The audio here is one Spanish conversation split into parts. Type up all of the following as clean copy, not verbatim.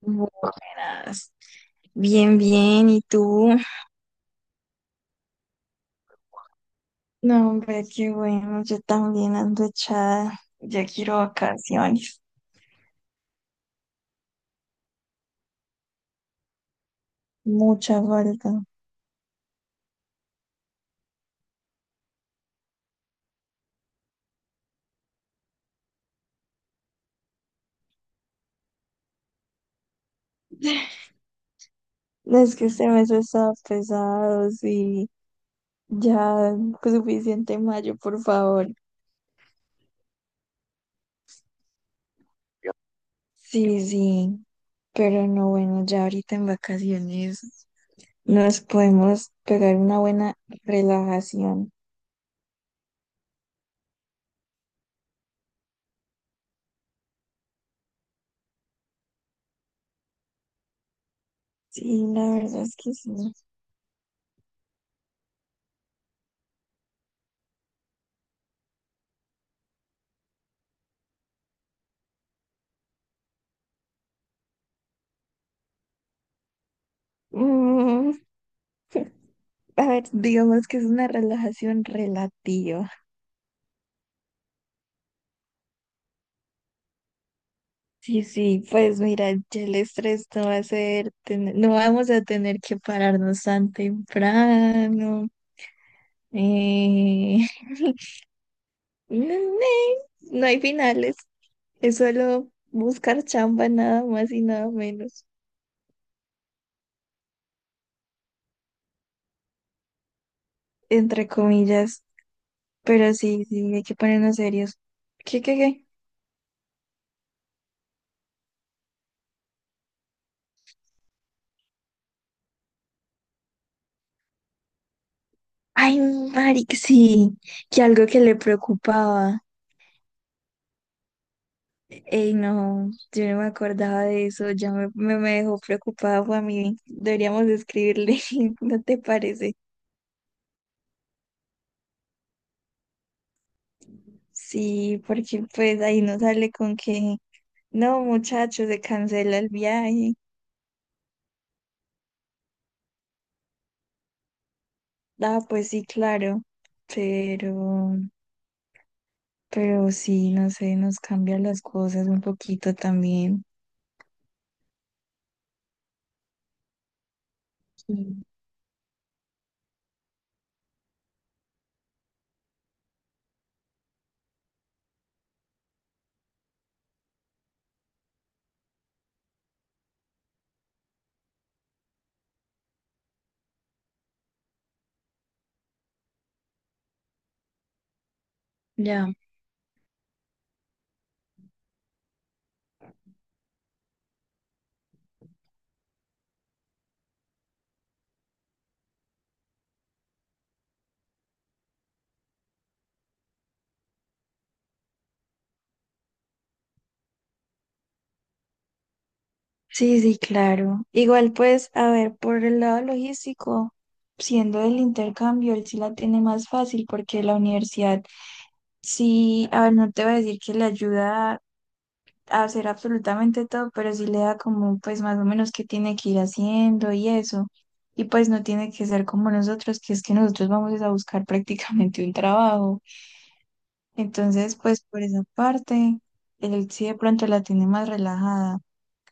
Buenas. Bien, bien. ¿Y tú? No, hombre, qué bueno. Yo también ando echada. Ya quiero vacaciones. Mucha falta. Es que este mes está pesado, sí. Ya, pues, suficiente mayo, por favor. Sí, sí. Pero no, bueno, ya ahorita en vacaciones nos podemos pegar una buena relajación. Sí, la verdad es que sí. Mm, A ver, digamos que es una relajación relativa. Sí, sí, pues mira, ya el estrés no va a ser, no vamos a tener que pararnos tan temprano. Eh, no, no hay finales, es solo buscar chamba nada más y nada menos, entre comillas. Pero sí, sí, hay que ponernos serios. ¿Qué, qué, qué? Ay, Mari, sí, que algo que le preocupaba. Ey, no, yo no me acordaba de eso, ya me dejó preocupada, fue a mí. Deberíamos escribirle, ¿no te parece? Sí, porque pues ahí no sale con que, no, muchachos, se cancela el viaje. Ah, pues sí, claro, pero, pero sí, no sé, nos cambian las cosas un poquito también. Sí. Ya. Sí, sí, claro. Igual pues, a ver, por el lado logístico, siendo del intercambio, él sí la tiene más fácil porque la universidad sí, a ver, no te voy a decir que le ayuda a hacer absolutamente todo, pero sí le da como pues más o menos qué tiene que ir haciendo y eso. Y pues no tiene que ser como nosotros, que es que nosotros vamos es a buscar prácticamente un trabajo. Entonces, pues por esa parte, él sí de pronto la tiene más relajada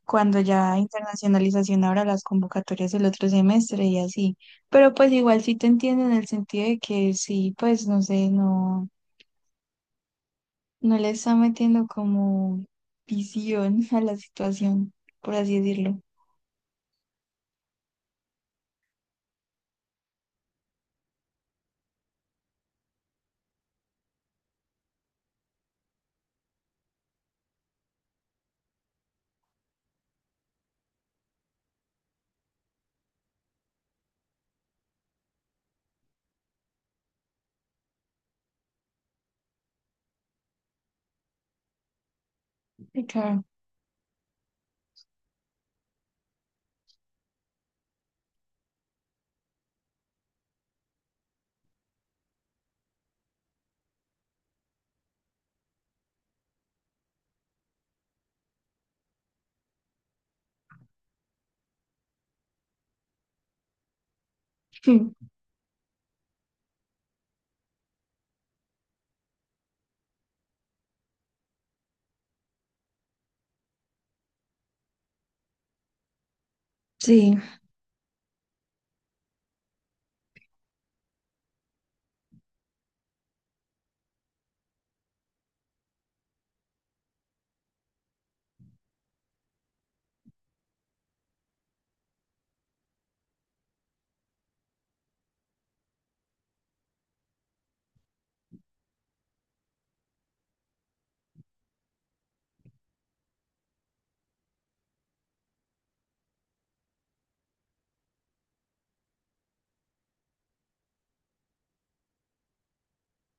cuando ya internacionalización ahora las convocatorias del otro semestre y así. Pero pues igual sí te entiendo en el sentido de que sí, pues no sé, no, no le está metiendo como visión a la situación, por así decirlo. Sí, claro. Hmm. Sí,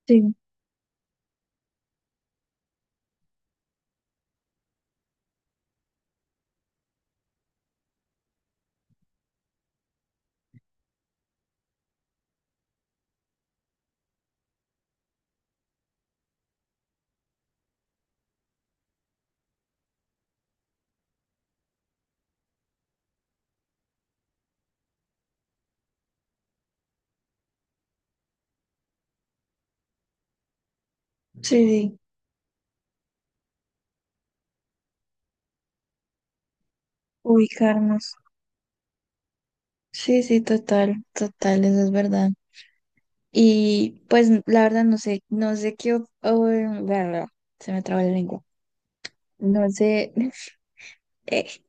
sí, sí, sí, ubicarnos. Sí, sí, total, total, eso es verdad. Y pues la verdad no sé, no sé qué, bla, bla, bla, se me traba la lengua. No sé,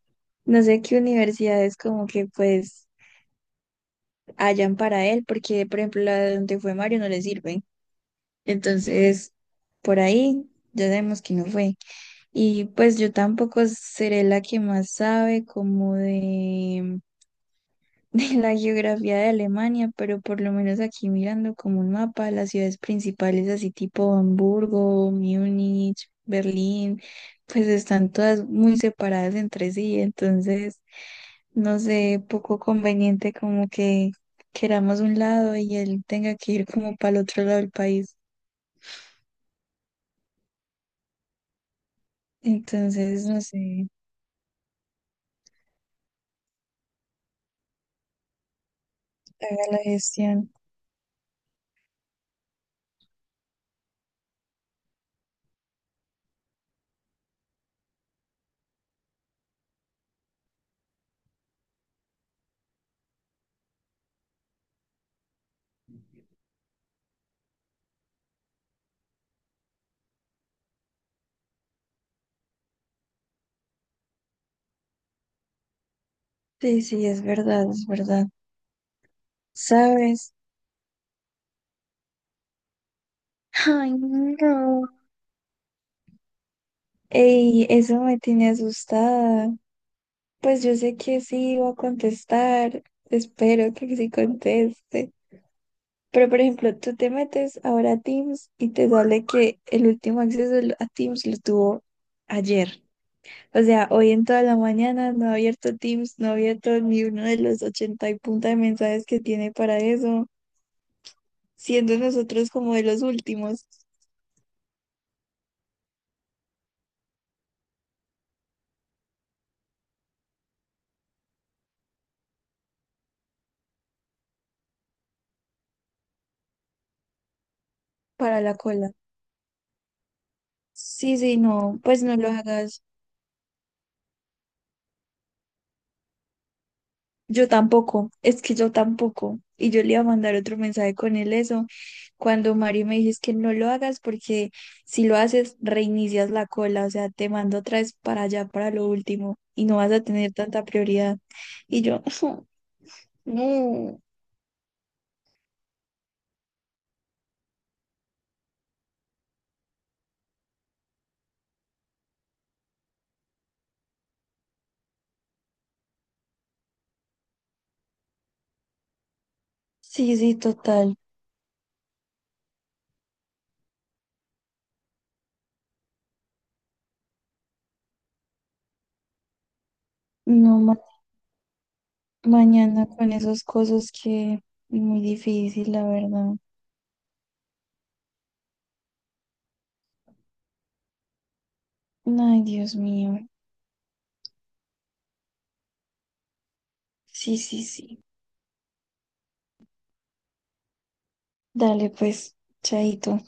no sé qué universidades como que pues hayan para él, porque por ejemplo la de donde fue Mario no le sirve. Entonces, por ahí ya sabemos que no fue. Y pues yo tampoco seré la que más sabe como de, de la geografía de Alemania, pero por lo menos aquí mirando como un mapa, las ciudades principales así tipo Hamburgo, Múnich, Berlín, pues están todas muy separadas entre sí. Entonces, no sé, poco conveniente como que queramos un lado y él tenga que ir como para el otro lado del país. Entonces, no sé, haga la gestión. Sí, sí, es verdad, es verdad. ¿Sabes? Ay, no. Ey, eso me tiene asustada. Pues yo sé que sí iba a contestar. Espero que sí conteste. Pero, por ejemplo, tú te metes ahora a Teams y te sale que el último acceso a Teams lo tuvo ayer. O sea, hoy en toda la mañana no he abierto Teams, no he abierto ni uno de los 80 y punta de mensajes que tiene para eso, siendo nosotros como de los últimos para la cola. Sí, sí, no, pues no lo hagas. Yo tampoco, es que yo tampoco. Y yo le iba a mandar otro mensaje con él eso, cuando Mari me dijo es que no lo hagas porque si lo haces reinicias la cola, o sea, te mando otra vez para allá, para lo último, y no vas a tener tanta prioridad. Y yo, no. Sí, sí, total. No, mañana con esas cosas que muy difícil, la verdad. Ay, Dios mío. Sí, sí, sí. Dale, pues, chaito.